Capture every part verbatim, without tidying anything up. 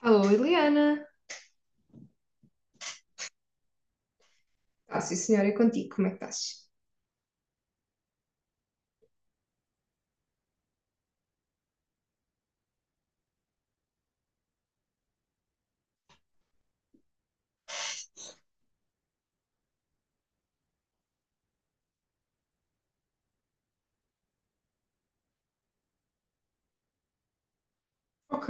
Alô, Liliana. Ah, sim, senhora, é contigo. Como é que estás? Ok.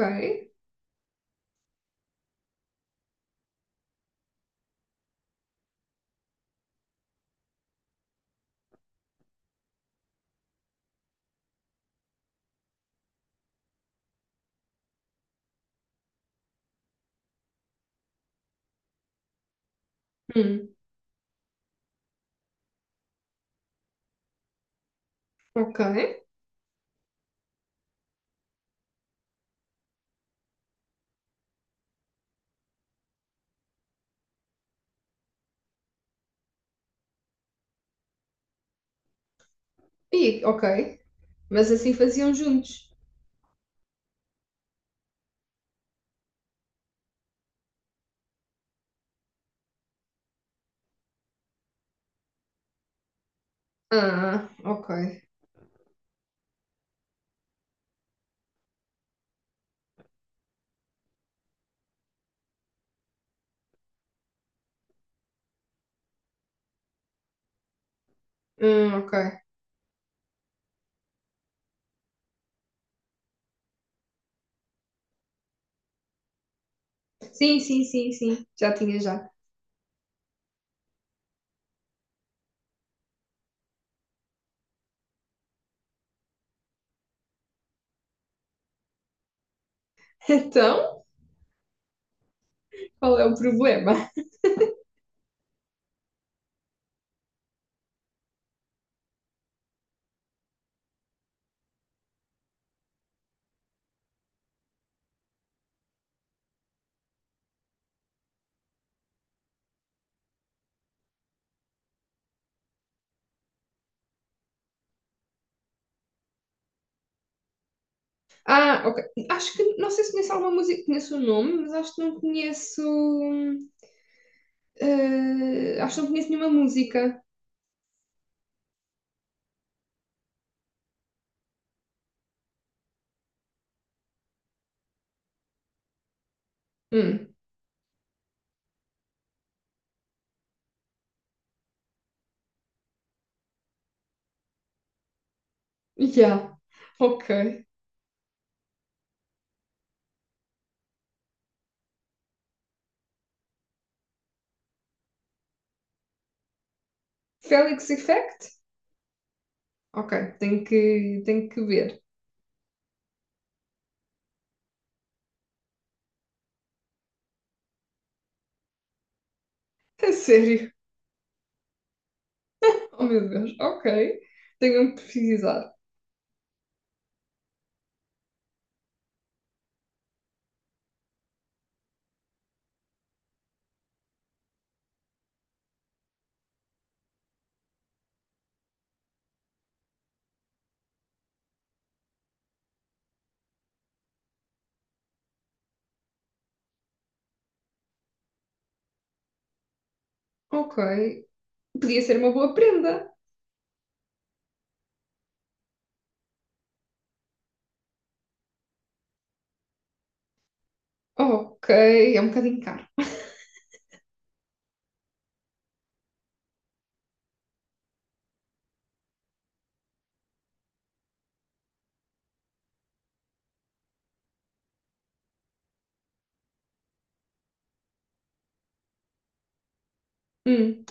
Hum, ok. E, ok. Mas assim faziam juntos. Ah, ok. Hum, ok. Sim, sim, sim, sim. Já tinha já. Então, qual é o problema? Ah, ok. Acho que não sei se conheço alguma música, conheço o nome, mas acho que não conheço. Hum, eh, acho que não conheço nenhuma música. Hum, yeah. Ok. Felix Effect? Ok, tenho que, tenho que ver. É sério? Oh meu Deus, ok. Tenho mesmo que precisar. Ok. Podia ser uma boa prenda. Ok, é um bocadinho caro. Hum,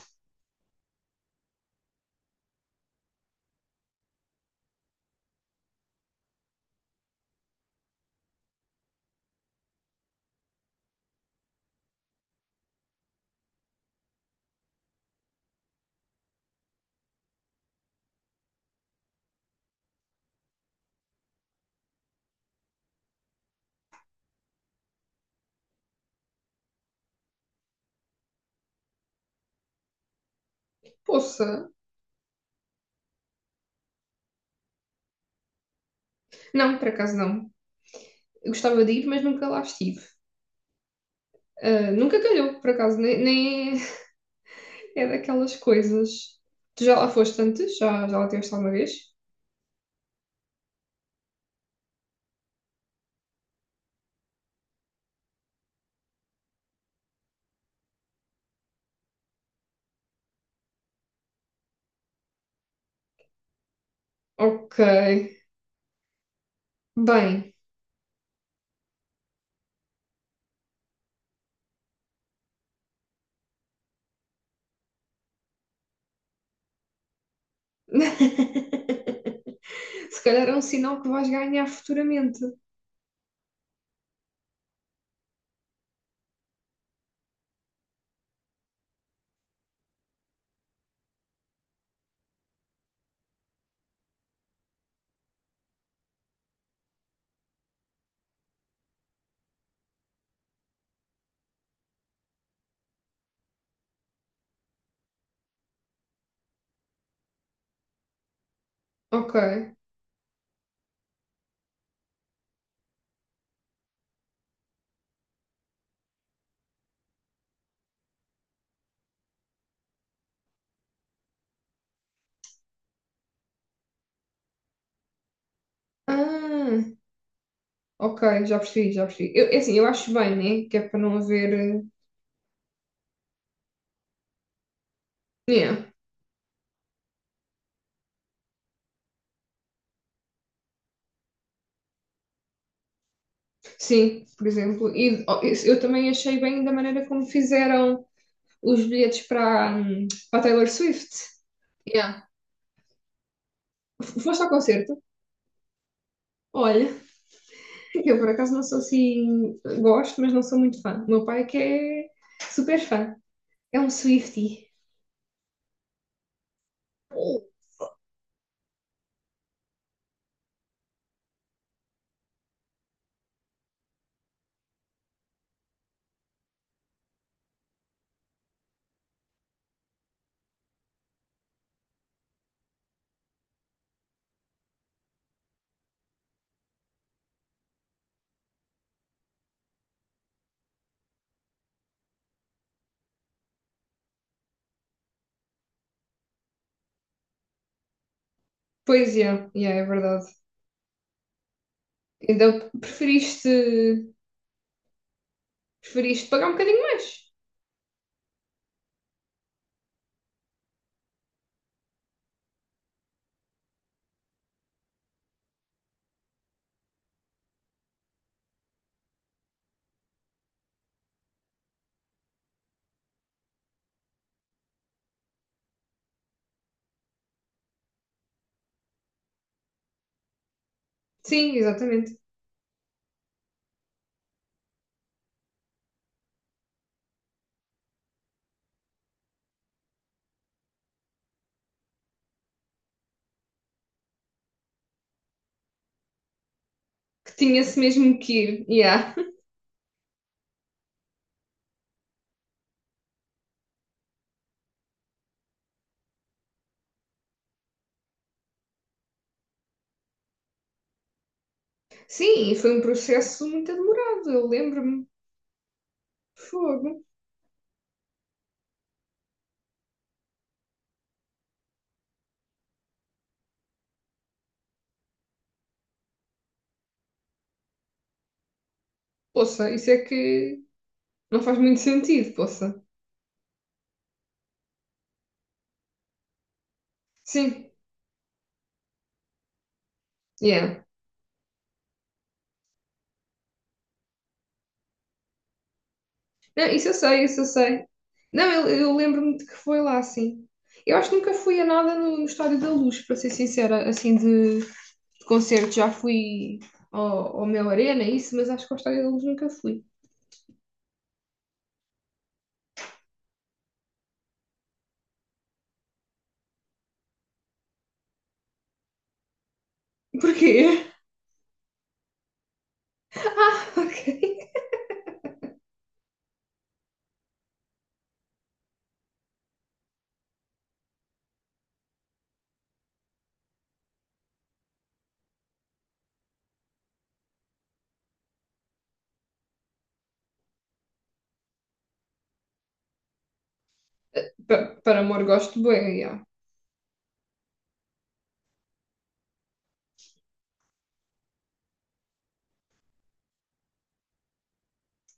poça. Não, por acaso não. Eu gostava de ir, mas nunca lá estive. Ah, nunca calhou, por acaso, nem, nem é daquelas coisas. Tu já lá foste antes? Já, já lá tiveste alguma vez? Ok. Bem. Se calhar é um sinal que vais ganhar futuramente. Ok. Ah, ok, já percebi, já percebi. Eu, é assim, eu acho bem, né? Que é para não haver. Eh, yeah. Sim, por exemplo. E oh, isso eu também achei bem da maneira como fizeram os bilhetes para, hum, para a Taylor Swift. Yeah. F- Foste ao concerto? Olha, eu por acaso não sou assim. Gosto, mas não sou muito fã. O meu pai é que é super fã. É um Swiftie. Oh. Pois é, yeah, é verdade. Então preferiste, preferiste pagar um bocadinho mais. Sim, exatamente. Que tinha-se mesmo que ir. Yeah. Sim, e foi um processo muito demorado, eu lembro-me. Fogo. Poça, isso é que não faz muito sentido, poça. Sim, yeah. Não, isso eu sei, isso eu sei. Não, eu, eu lembro-me de que foi lá, sim. Eu acho que nunca fui a nada no, no Estádio da Luz, para ser sincera, assim, de, de concerto. Já fui ao, ao Mel Arena, isso, mas acho que ao Estádio da Luz nunca fui. Porquê? Ah, ok. Pa- para amor, gosto bem, yeah.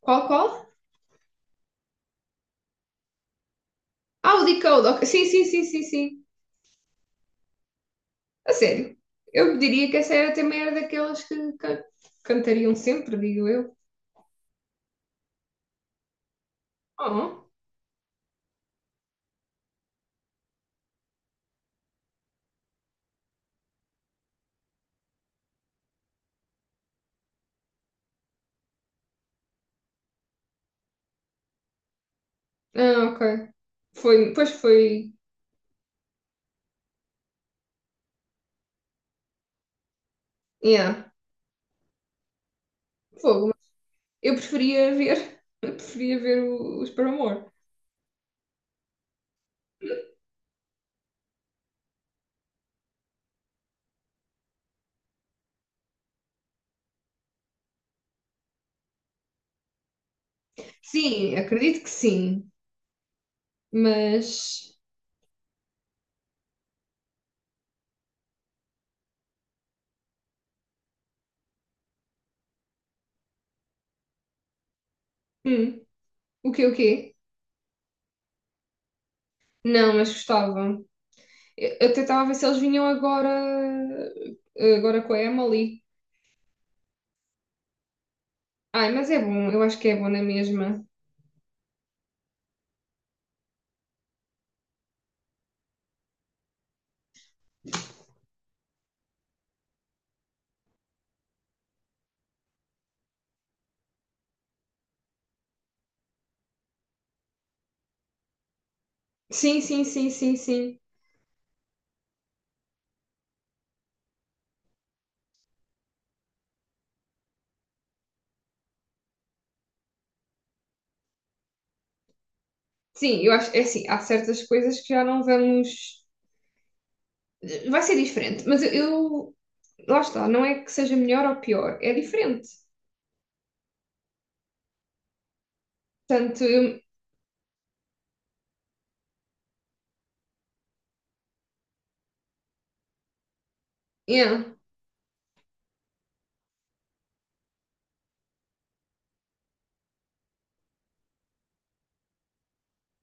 Qual, qual? Ah, o Decode, ok. Sim, sim, sim, sim, sim. A sério, eu diria que essa era também era daquelas que ca- cantariam sempre, digo eu. Oh. Ah, ok. Foi, pois foi. Yeah, fogo. Eu preferia ver, eu preferia ver o- os Paramore. Sim, acredito que sim, mas hum, o quê, o quê? Não, mas gostava. Eu, eu tentava ver se eles vinham agora, agora com a Emily. Ai, mas é bom, eu acho que é bom na mesma. Sim, sim, sim, sim, sim. Sim, eu acho, é assim, há certas coisas que já não vamos. Vai ser diferente, mas eu, eu- lá está, não é que seja melhor ou pior, é diferente. Portanto, eu, yeah.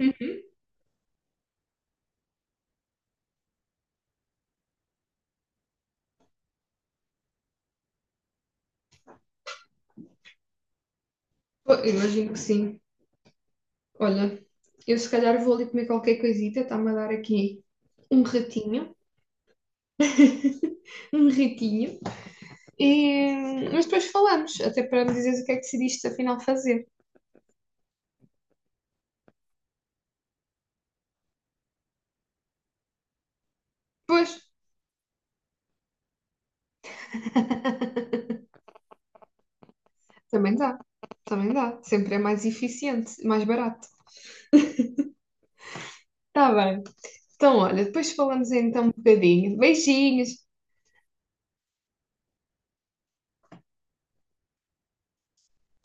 Uhum. Pô, eu imagino que sim. Olha, eu se calhar vou ali comer qualquer coisita, está-me a dar aqui um ratinho, um ratinho. E, mas depois falamos, até para me dizeres o que é que decidiste afinal fazer. Pois, também dá, também dá. Sempre é mais eficiente, mais barato. Está bem. Então, olha, depois falamos então um bocadinho. Beijinhos.